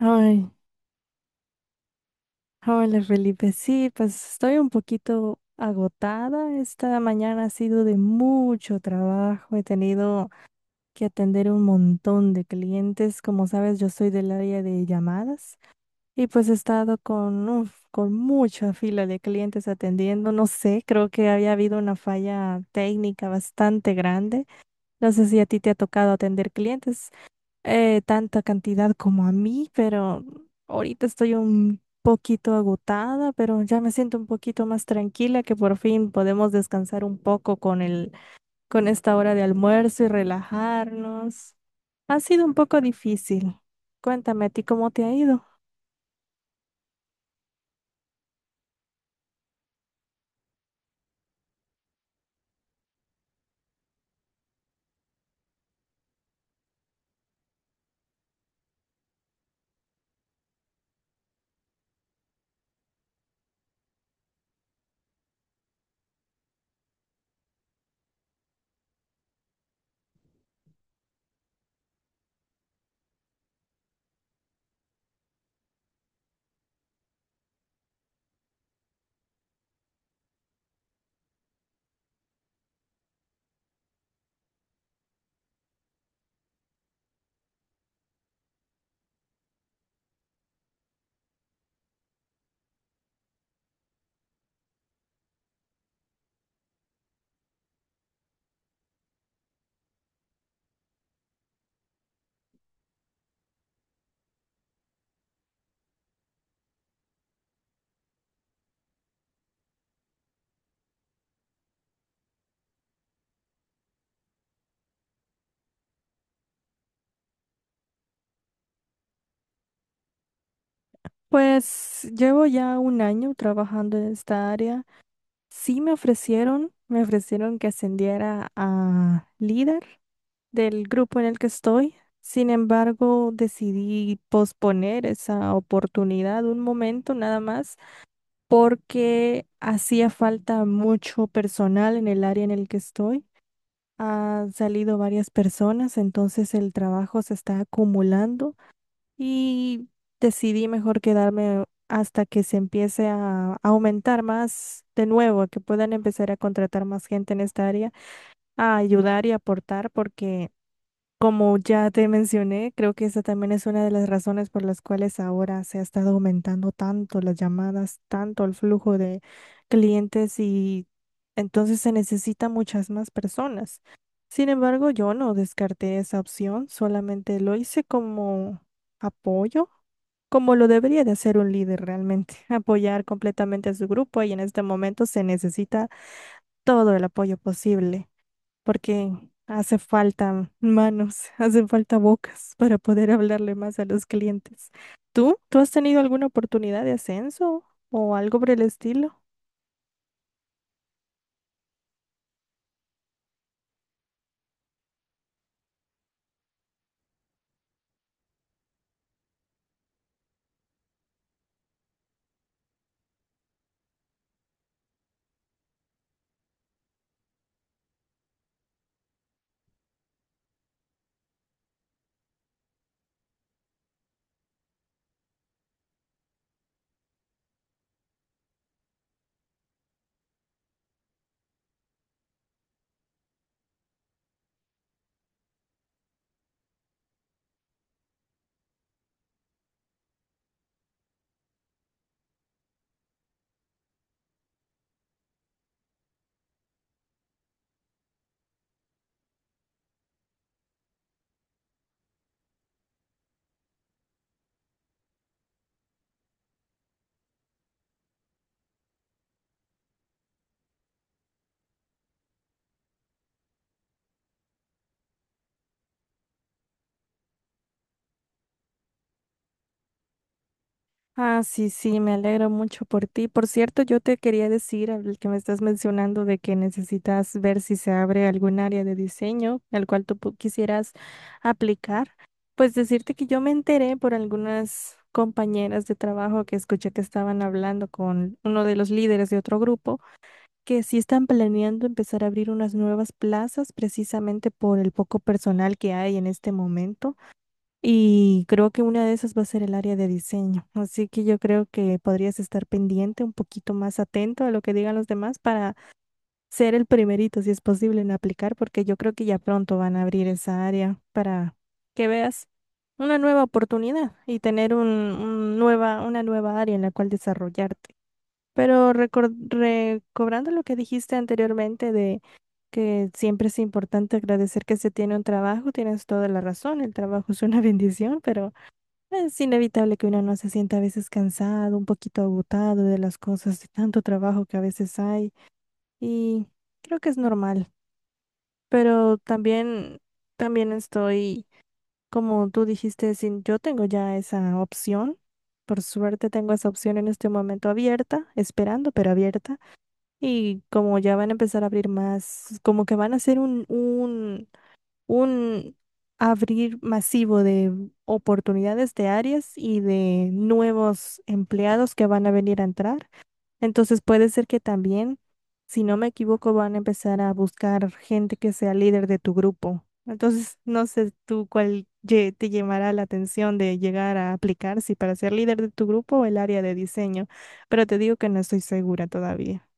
Ay, hola Felipe. Sí, pues estoy un poquito agotada. Esta mañana ha sido de mucho trabajo. He tenido que atender un montón de clientes. Como sabes, yo soy del área de llamadas y pues he estado con, uf, con mucha fila de clientes atendiendo. No sé, creo que había habido una falla técnica bastante grande. No sé si a ti te ha tocado atender clientes tanta cantidad como a mí, pero ahorita estoy un poquito agotada, pero ya me siento un poquito más tranquila que por fin podemos descansar un poco con esta hora de almuerzo y relajarnos. Ha sido un poco difícil. Cuéntame a ti cómo te ha ido. Pues llevo ya un año trabajando en esta área. Me ofrecieron que ascendiera a líder del grupo en el que estoy. Sin embargo, decidí posponer esa oportunidad un momento nada más porque hacía falta mucho personal en el área en el que estoy. Han salido varias personas, entonces el trabajo se está acumulando y decidí mejor quedarme hasta que se empiece a aumentar más de nuevo, que puedan empezar a contratar más gente en esta área, a ayudar y aportar porque, como ya te mencioné, creo que esa también es una de las razones por las cuales ahora se ha estado aumentando tanto las llamadas, tanto el flujo de clientes, y entonces se necesitan muchas más personas. Sin embargo, yo no descarté esa opción, solamente lo hice como apoyo, como lo debería de hacer un líder realmente, apoyar completamente a su grupo, y en este momento se necesita todo el apoyo posible porque hace falta manos, hace falta bocas para poder hablarle más a los clientes. ¿Tú? ¿Tú has tenido alguna oportunidad de ascenso o algo por el estilo? Ah, sí, sí, me alegro mucho por ti. Por cierto, yo te quería decir, al que me estás mencionando, de que necesitas ver si se abre algún área de diseño al cual tú quisieras aplicar. Pues decirte que yo me enteré por algunas compañeras de trabajo que escuché que estaban hablando con uno de los líderes de otro grupo, que sí están planeando empezar a abrir unas nuevas plazas precisamente por el poco personal que hay en este momento, y creo que una de esas va a ser el área de diseño. Así que yo creo que podrías estar pendiente, un poquito más atento a lo que digan los demás, para ser el primerito, si es posible, en aplicar, porque yo creo que ya pronto van a abrir esa área para que veas una nueva oportunidad y tener una nueva área en la cual desarrollarte. Pero recobrando lo que dijiste anteriormente, de que siempre es importante agradecer que se tiene un trabajo, tienes toda la razón, el trabajo es una bendición, pero es inevitable que uno no se sienta a veces cansado, un poquito agotado de las cosas, de tanto trabajo que a veces hay, y creo que es normal, pero también, también estoy, como tú dijiste, sin, yo tengo ya esa opción, por suerte tengo esa opción en este momento abierta, esperando, pero abierta. Y como ya van a empezar a abrir más, como que van a hacer un abrir masivo de oportunidades de áreas y de nuevos empleados que van a venir a entrar. Entonces puede ser que también, si no me equivoco, van a empezar a buscar gente que sea líder de tu grupo. Entonces, no sé tú cuál te llamará la atención de llegar a aplicar, si para ser líder de tu grupo o el área de diseño, pero te digo que no estoy segura todavía.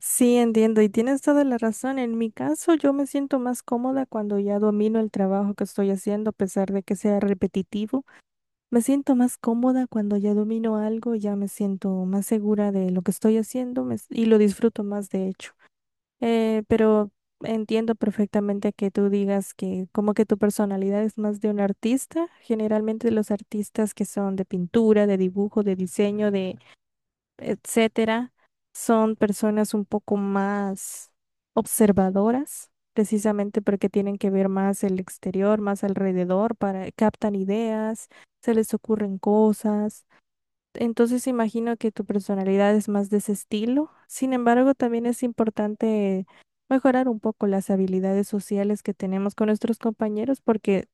Sí, entiendo y tienes toda la razón. En mi caso, yo me siento más cómoda cuando ya domino el trabajo que estoy haciendo, a pesar de que sea repetitivo. Me siento más cómoda cuando ya domino algo, ya me siento más segura de lo que estoy haciendo y lo disfruto más, de hecho. Pero entiendo perfectamente que tú digas que como que tu personalidad es más de un artista. Generalmente los artistas que son de pintura, de dibujo, de diseño, de etcétera, son personas un poco más observadoras, precisamente porque tienen que ver más el exterior, más alrededor, para captan ideas, se les ocurren cosas. Entonces imagino que tu personalidad es más de ese estilo. Sin embargo, también es importante mejorar un poco las habilidades sociales que tenemos con nuestros compañeros porque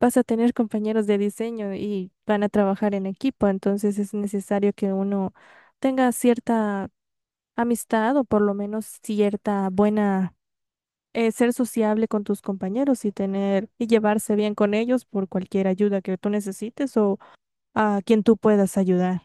vas a tener compañeros de diseño y van a trabajar en equipo, entonces es necesario que uno tenga cierta amistad o por lo menos cierta buena, ser sociable con tus compañeros y tener y llevarse bien con ellos por cualquier ayuda que tú necesites o a quien tú puedas ayudar.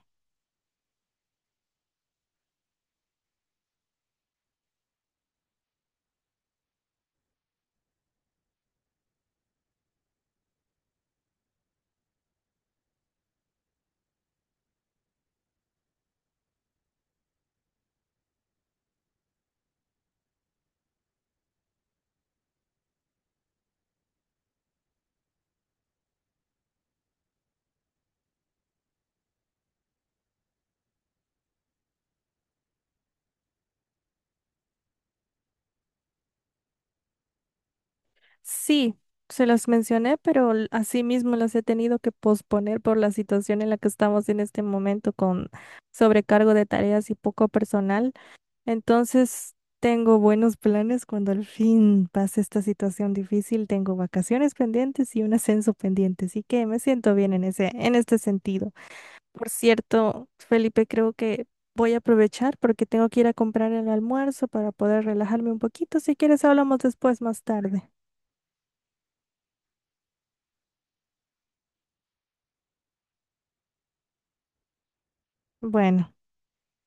Sí. Se las mencioné, pero asimismo las he tenido que posponer por la situación en la que estamos en este momento con sobrecargo de tareas y poco personal. Entonces, tengo buenos planes cuando al fin pase esta situación difícil. Tengo vacaciones pendientes y un ascenso pendiente, así que me siento bien en en este sentido. Por cierto, Felipe, creo que voy a aprovechar porque tengo que ir a comprar el almuerzo para poder relajarme un poquito. Si quieres, hablamos después, más tarde. Bueno.